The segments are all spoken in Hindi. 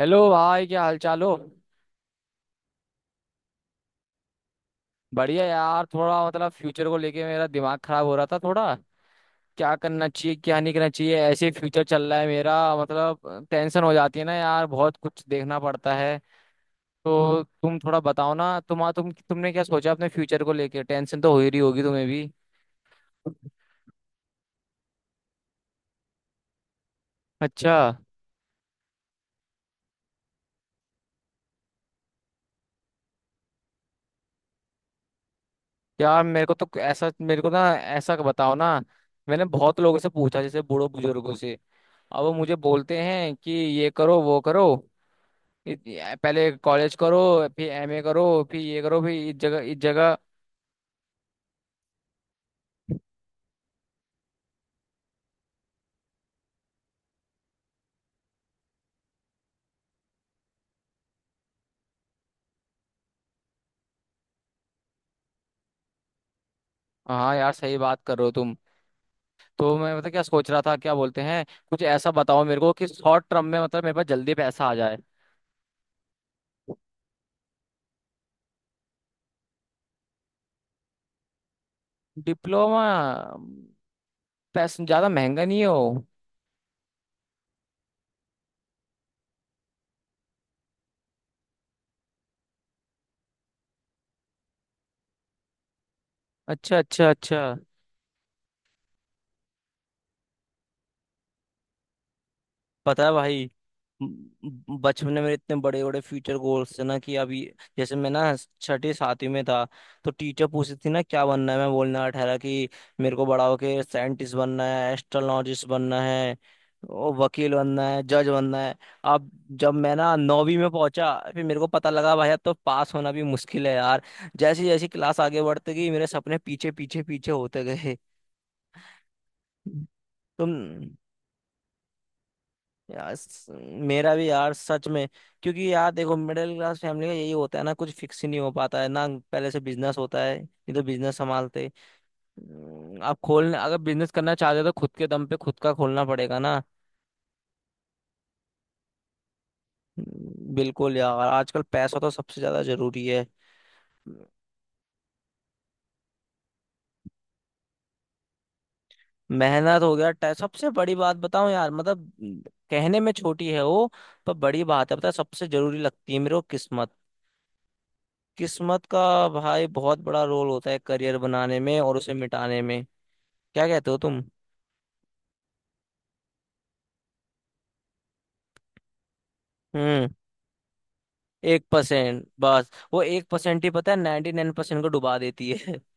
हेलो भाई, क्या हाल चाल हो। बढ़िया यार, थोड़ा मतलब फ्यूचर को लेके मेरा दिमाग खराब हो रहा था थोड़ा। क्या करना चाहिए, क्या नहीं करना चाहिए, ऐसे फ्यूचर चल रहा है मेरा। मतलब टेंशन हो जाती है ना यार, बहुत कुछ देखना पड़ता है। तो तुम थोड़ा बताओ ना, तुमने क्या सोचा अपने फ्यूचर को लेके। टेंशन तो हो ही रही होगी तुम्हें भी। अच्छा। यार मेरे को तो ऐसा, मेरे को ना ऐसा बताओ ना। मैंने बहुत लोगों से पूछा, जैसे बूढ़ों बुजुर्गों से। अब वो मुझे बोलते हैं कि ये करो, वो करो। पहले कॉलेज करो। फिर MA करो। फिर ये करो, फिर इस जगह इस जगह। हाँ यार, सही बात कर रहे हो तुम। तो मैं मतलब क्या सोच रहा था, क्या बोलते हैं, कुछ ऐसा बताओ मेरे को कि शॉर्ट टर्म में मतलब मेरे पास जल्दी पैसा आ जाए। डिप्लोमा? पैसा ज़्यादा महंगा नहीं हो? अच्छा अच्छा अच्छा। पता है भाई, म- बचपन में इतने बड़े बड़े फ्यूचर गोल्स थे ना कि अभी। जैसे मैं ना छठी सातवीं में था, तो टीचर पूछती थी ना क्या बनना है, मैं बोलना ठहरा कि मेरे को बड़ा होके साइंटिस्ट बनना है, एस्ट्रोलॉजिस्ट बनना है, ओ, वकील बनना है, जज बनना है। अब जब मैं ना नौवीं में पहुंचा, फिर मेरे को पता लगा भाई अब तो पास होना भी मुश्किल है यार। जैसी जैसी क्लास आगे बढ़ती गई, मेरे सपने पीछे पीछे पीछे होते गए। तुम, यार मेरा भी यार सच में। क्योंकि यार देखो, मिडिल क्लास फैमिली का यही होता है ना, कुछ फिक्स ही नहीं हो पाता है ना, पहले से बिजनेस होता है नहीं तो बिजनेस संभालते। आप खोलने अगर बिजनेस करना चाहते हो तो खुद के दम पे खुद का खोलना पड़ेगा ना। बिल्कुल यार, आजकल पैसा तो सबसे ज्यादा जरूरी है। मेहनत हो गया, सबसे बड़ी बात बताऊं यार मतलब, कहने में छोटी है वो, पर बड़ी बात है, पता है सबसे जरूरी लगती है मेरे को किस्मत। किस्मत का भाई बहुत बड़ा रोल होता है करियर बनाने में और उसे मिटाने में। क्या कहते हो तुम? हम्म। 1%, बस वो 1% ही पता है 99% को डुबा देती है।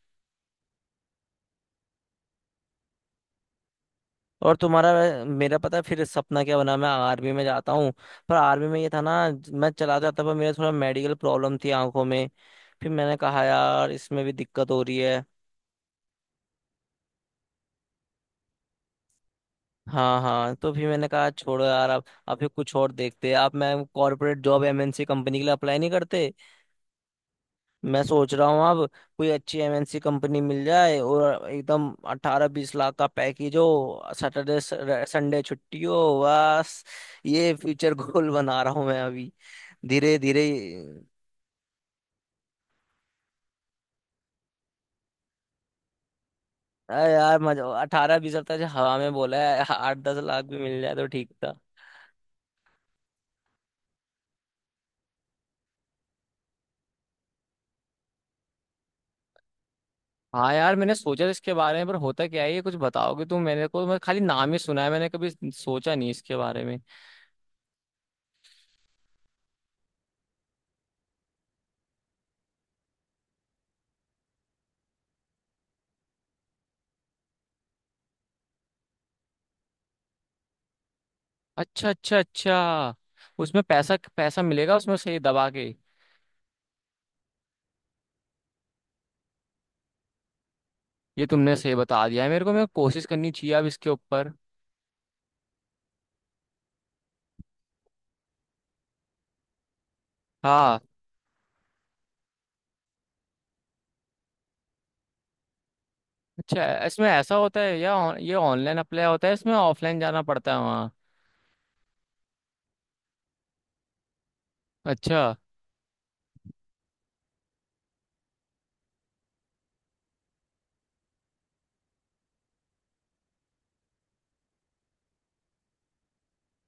और तुम्हारा? मेरा पता है फिर सपना क्या बना, मैं आर्मी में जाता हूँ। पर आर्मी में ये था ना, मैं चला जाता पर मेरा थोड़ा मेडिकल प्रॉब्लम थी आंखों में। फिर मैंने कहा यार इसमें भी दिक्कत हो रही है। हाँ हाँ, तो फिर मैंने कहा छोड़ो यार, अब फिर कुछ और देखते हैं, आप मैं कॉर्पोरेट जॉब MNC कंपनी के लिए अप्लाई नहीं करते? मैं सोच रहा हूँ अब, कोई अच्छी MNC कंपनी मिल जाए और एकदम 18-20 लाख का पैकेज हो, सैटरडे संडे छुट्टी हो, बस। ये फ्यूचर गोल बना रहा हूँ मैं अभी, धीरे धीरे। अरे यार, मजा 18-20 हजार हवा में बोला है, 8-10 लाख भी मिल जाए तो ठीक था। हाँ यार, मैंने सोचा था इसके बारे में, पर होता क्या है ये, कुछ बताओगे तुम मेरे को? मैं खाली नाम ही सुना है मैंने, कभी सोचा नहीं इसके बारे में। अच्छा अच्छा अच्छा। उसमें पैसा पैसा मिलेगा उसमें सही दबा के? ये तुमने सही बता दिया है मेरे को, मैं कोशिश करनी चाहिए अब इसके ऊपर। हाँ। अच्छा, इसमें ऐसा होता है, या ये ऑनलाइन अप्लाई होता है इसमें, ऑफलाइन जाना पड़ता है वहाँ? अच्छा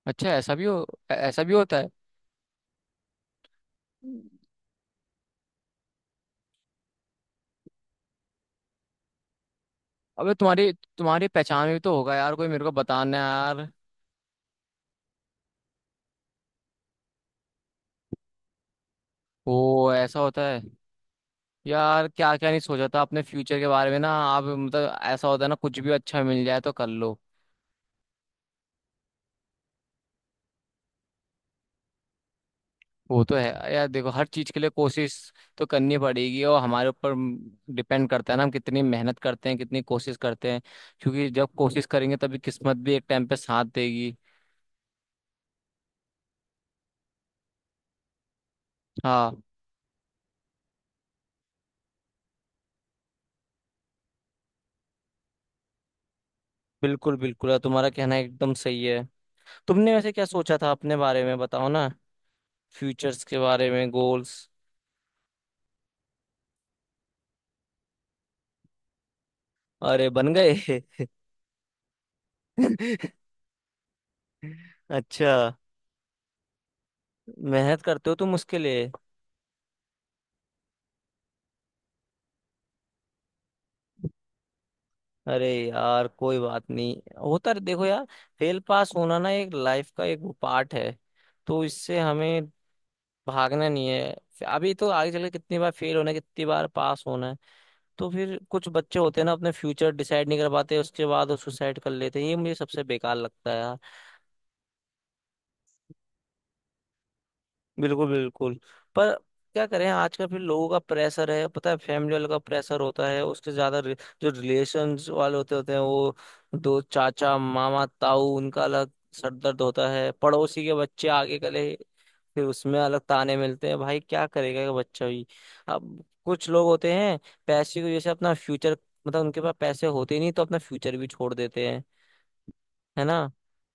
अच्छा ऐसा भी हो ऐसा भी होता है। अबे तुम्हारी तुम्हारी पहचान में भी तो होगा यार, कोई मेरे को बताना है यार। ओ ऐसा होता है? यार क्या क्या नहीं सोचा था अपने फ्यूचर के बारे में ना, आप मतलब ऐसा होता है ना, कुछ भी अच्छा मिल जाए तो कर लो। वो तो है यार, देखो हर चीज के लिए कोशिश तो करनी पड़ेगी और हमारे ऊपर डिपेंड करता है ना, हम कितनी मेहनत करते हैं कितनी कोशिश करते हैं। क्योंकि जब कोशिश करेंगे तभी किस्मत भी एक टाइम पे साथ देगी। हाँ। बिल्कुल बिल्कुल यार, तुम्हारा कहना एकदम सही है। तुमने वैसे क्या सोचा था अपने बारे में बताओ ना, फ्यूचर्स के बारे में, गोल्स। अरे बन गए? अच्छा। मेहनत करते हो तुम उसके लिए? अरे यार कोई बात नहीं, देखो यार, फेल पास होना ना एक लाइफ का एक वो पार्ट है, तो इससे हमें भागना नहीं है। अभी तो आगे चल के कितनी बार फेल होना है, कितनी बार पास होना है। तो फिर कुछ बच्चे होते हैं ना अपने फ्यूचर डिसाइड नहीं कर पाते, उसके बाद वो सुसाइड कर लेते हैं, ये मुझे सबसे बेकार लगता है यार। बिल्कुल बिल्कुल। पर क्या करें आजकल, फिर लोगों का प्रेशर है पता है, फैमिली वालों का प्रेशर होता है उसके ज्यादा जो रिलेशंस वाले होते होते हैं वो, दो चाचा मामा ताऊ उनका अलग सर दर्द होता है, पड़ोसी के बच्चे आगे गले, फिर उसमें अलग ताने मिलते हैं, भाई क्या करेगा ये बच्चा भी। अब कुछ लोग होते हैं पैसे की वजह से अपना फ्यूचर, मतलब उनके पास पैसे होते नहीं तो अपना फ्यूचर भी छोड़ देते हैं, है ना।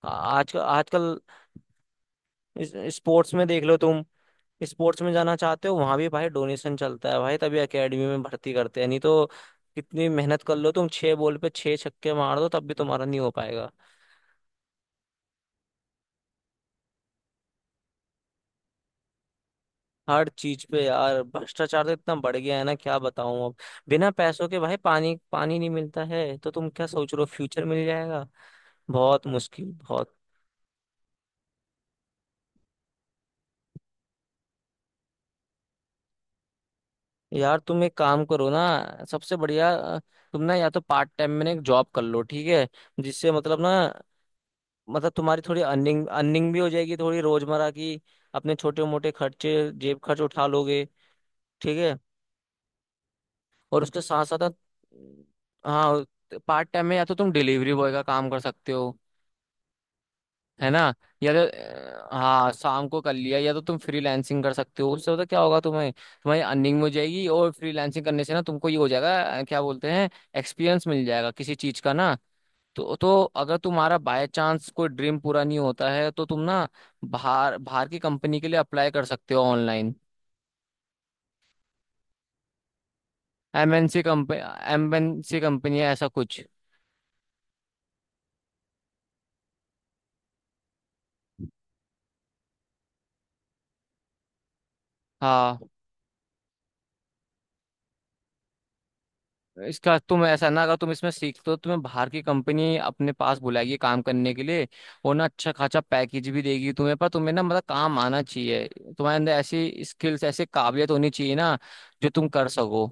आ- आजकल आजकल, स्पोर्ट्स में देख लो तुम। स्पोर्ट्स में जाना चाहते हो, वहां भी भाई डोनेशन चलता है भाई, तभी एकेडमी में भर्ती करते हैं नहीं तो कितनी मेहनत कर लो तुम, छह बॉल पे छह छक्के मार दो तब भी तुम्हारा नहीं हो पाएगा। हर चीज पे यार भ्रष्टाचार तो इतना बढ़ गया है ना, क्या बताऊं अब। बिना पैसों के भाई पानी पानी नहीं मिलता है, तो तुम क्या सोच रहे हो फ्यूचर मिल जाएगा। बहुत मुश्किल बहुत। यार तुम एक काम करो ना, सबसे बढ़िया, तुम ना या तो पार्ट टाइम में ना एक जॉब कर लो, ठीक है, जिससे मतलब ना मतलब तुम्हारी थोड़ी अर्निंग अर्निंग भी हो जाएगी थोड़ी रोजमर्रा की, अपने छोटे मोटे खर्चे जेब खर्च उठा लोगे, ठीक है। और उसके साथ साथ, हाँ, पार्ट टाइम में या तो तुम डिलीवरी बॉय का काम कर सकते हो, है ना, या तो हाँ शाम को कर लिया, या तो तुम फ्रीलांसिंग कर सकते हो, उससे पता क्या होगा तुम्हें, तुम्हारी अर्निंग हो जाएगी और फ्रीलांसिंग करने से ना तुमको ये हो जाएगा, क्या बोलते हैं, एक्सपीरियंस मिल जाएगा किसी चीज का ना। तो अगर तुम्हारा बाय चांस कोई ड्रीम पूरा नहीं होता है तो तुम ना, बाहर बाहर की कंपनी के लिए अप्लाई कर सकते हो online, MNC company, MNC company है ऐसा कुछ। हाँ, इसका तुम ऐसा ना, अगर तुम इसमें सीखते हो तुम्हें बाहर की कंपनी अपने पास बुलाएगी काम करने के लिए और ना अच्छा खासा पैकेज भी देगी तुम्हें, पर तुम्हें ना मतलब काम आना चाहिए, तुम्हारे अंदर ऐसी स्किल्स ऐसी काबिलियत होनी चाहिए ना जो तुम कर सको।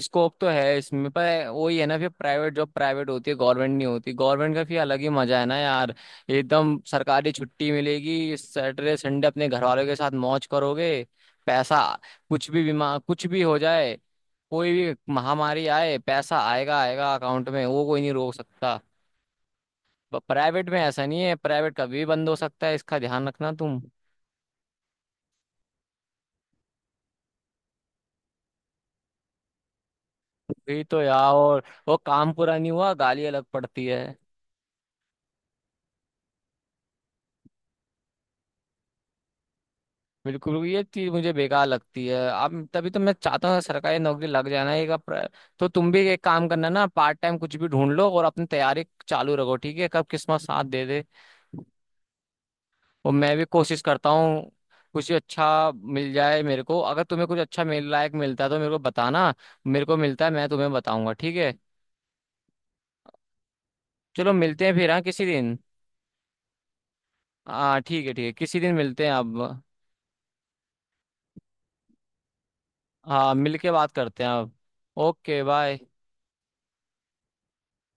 स्कोप तो है इसमें, पर वही है ना, फिर प्राइवेट जॉब प्राइवेट होती है, गवर्नमेंट नहीं होती, गवर्नमेंट का फिर अलग ही मजा है ना यार। एकदम सरकारी छुट्टी मिलेगी सैटरडे संडे, अपने घर वालों के साथ मौज करोगे। पैसा कुछ भी, बीमा कुछ भी हो जाए, कोई भी महामारी आए पैसा आएगा आएगा अकाउंट में, वो कोई नहीं रोक सकता। प्राइवेट में ऐसा नहीं है, प्राइवेट कभी भी बंद हो सकता है, इसका ध्यान रखना तुम। वही तो यार, और वो काम पूरा नहीं हुआ गाली अलग पड़ती है। बिल्कुल, ये चीज मुझे बेकार लगती है अब, तभी तो मैं चाहता हूँ सरकारी नौकरी लग जाना। तो तुम भी एक काम करना ना, पार्ट टाइम कुछ भी ढूंढ लो और अपनी तैयारी चालू रखो, ठीक है, कब किस्मत साथ दे दे। और मैं भी कोशिश करता हूँ कुछ अच्छा मिल जाए मेरे को, अगर तुम्हें कुछ अच्छा मिल लायक मिलता है तो मेरे को बताना, मेरे को मिलता है मैं तुम्हें बताऊंगा, ठीक है। चलो मिलते हैं फिर, हाँ किसी दिन। हाँ ठीक है ठीक है, किसी दिन मिलते हैं अब। हाँ मिल के बात करते हैं अब। Okay bye.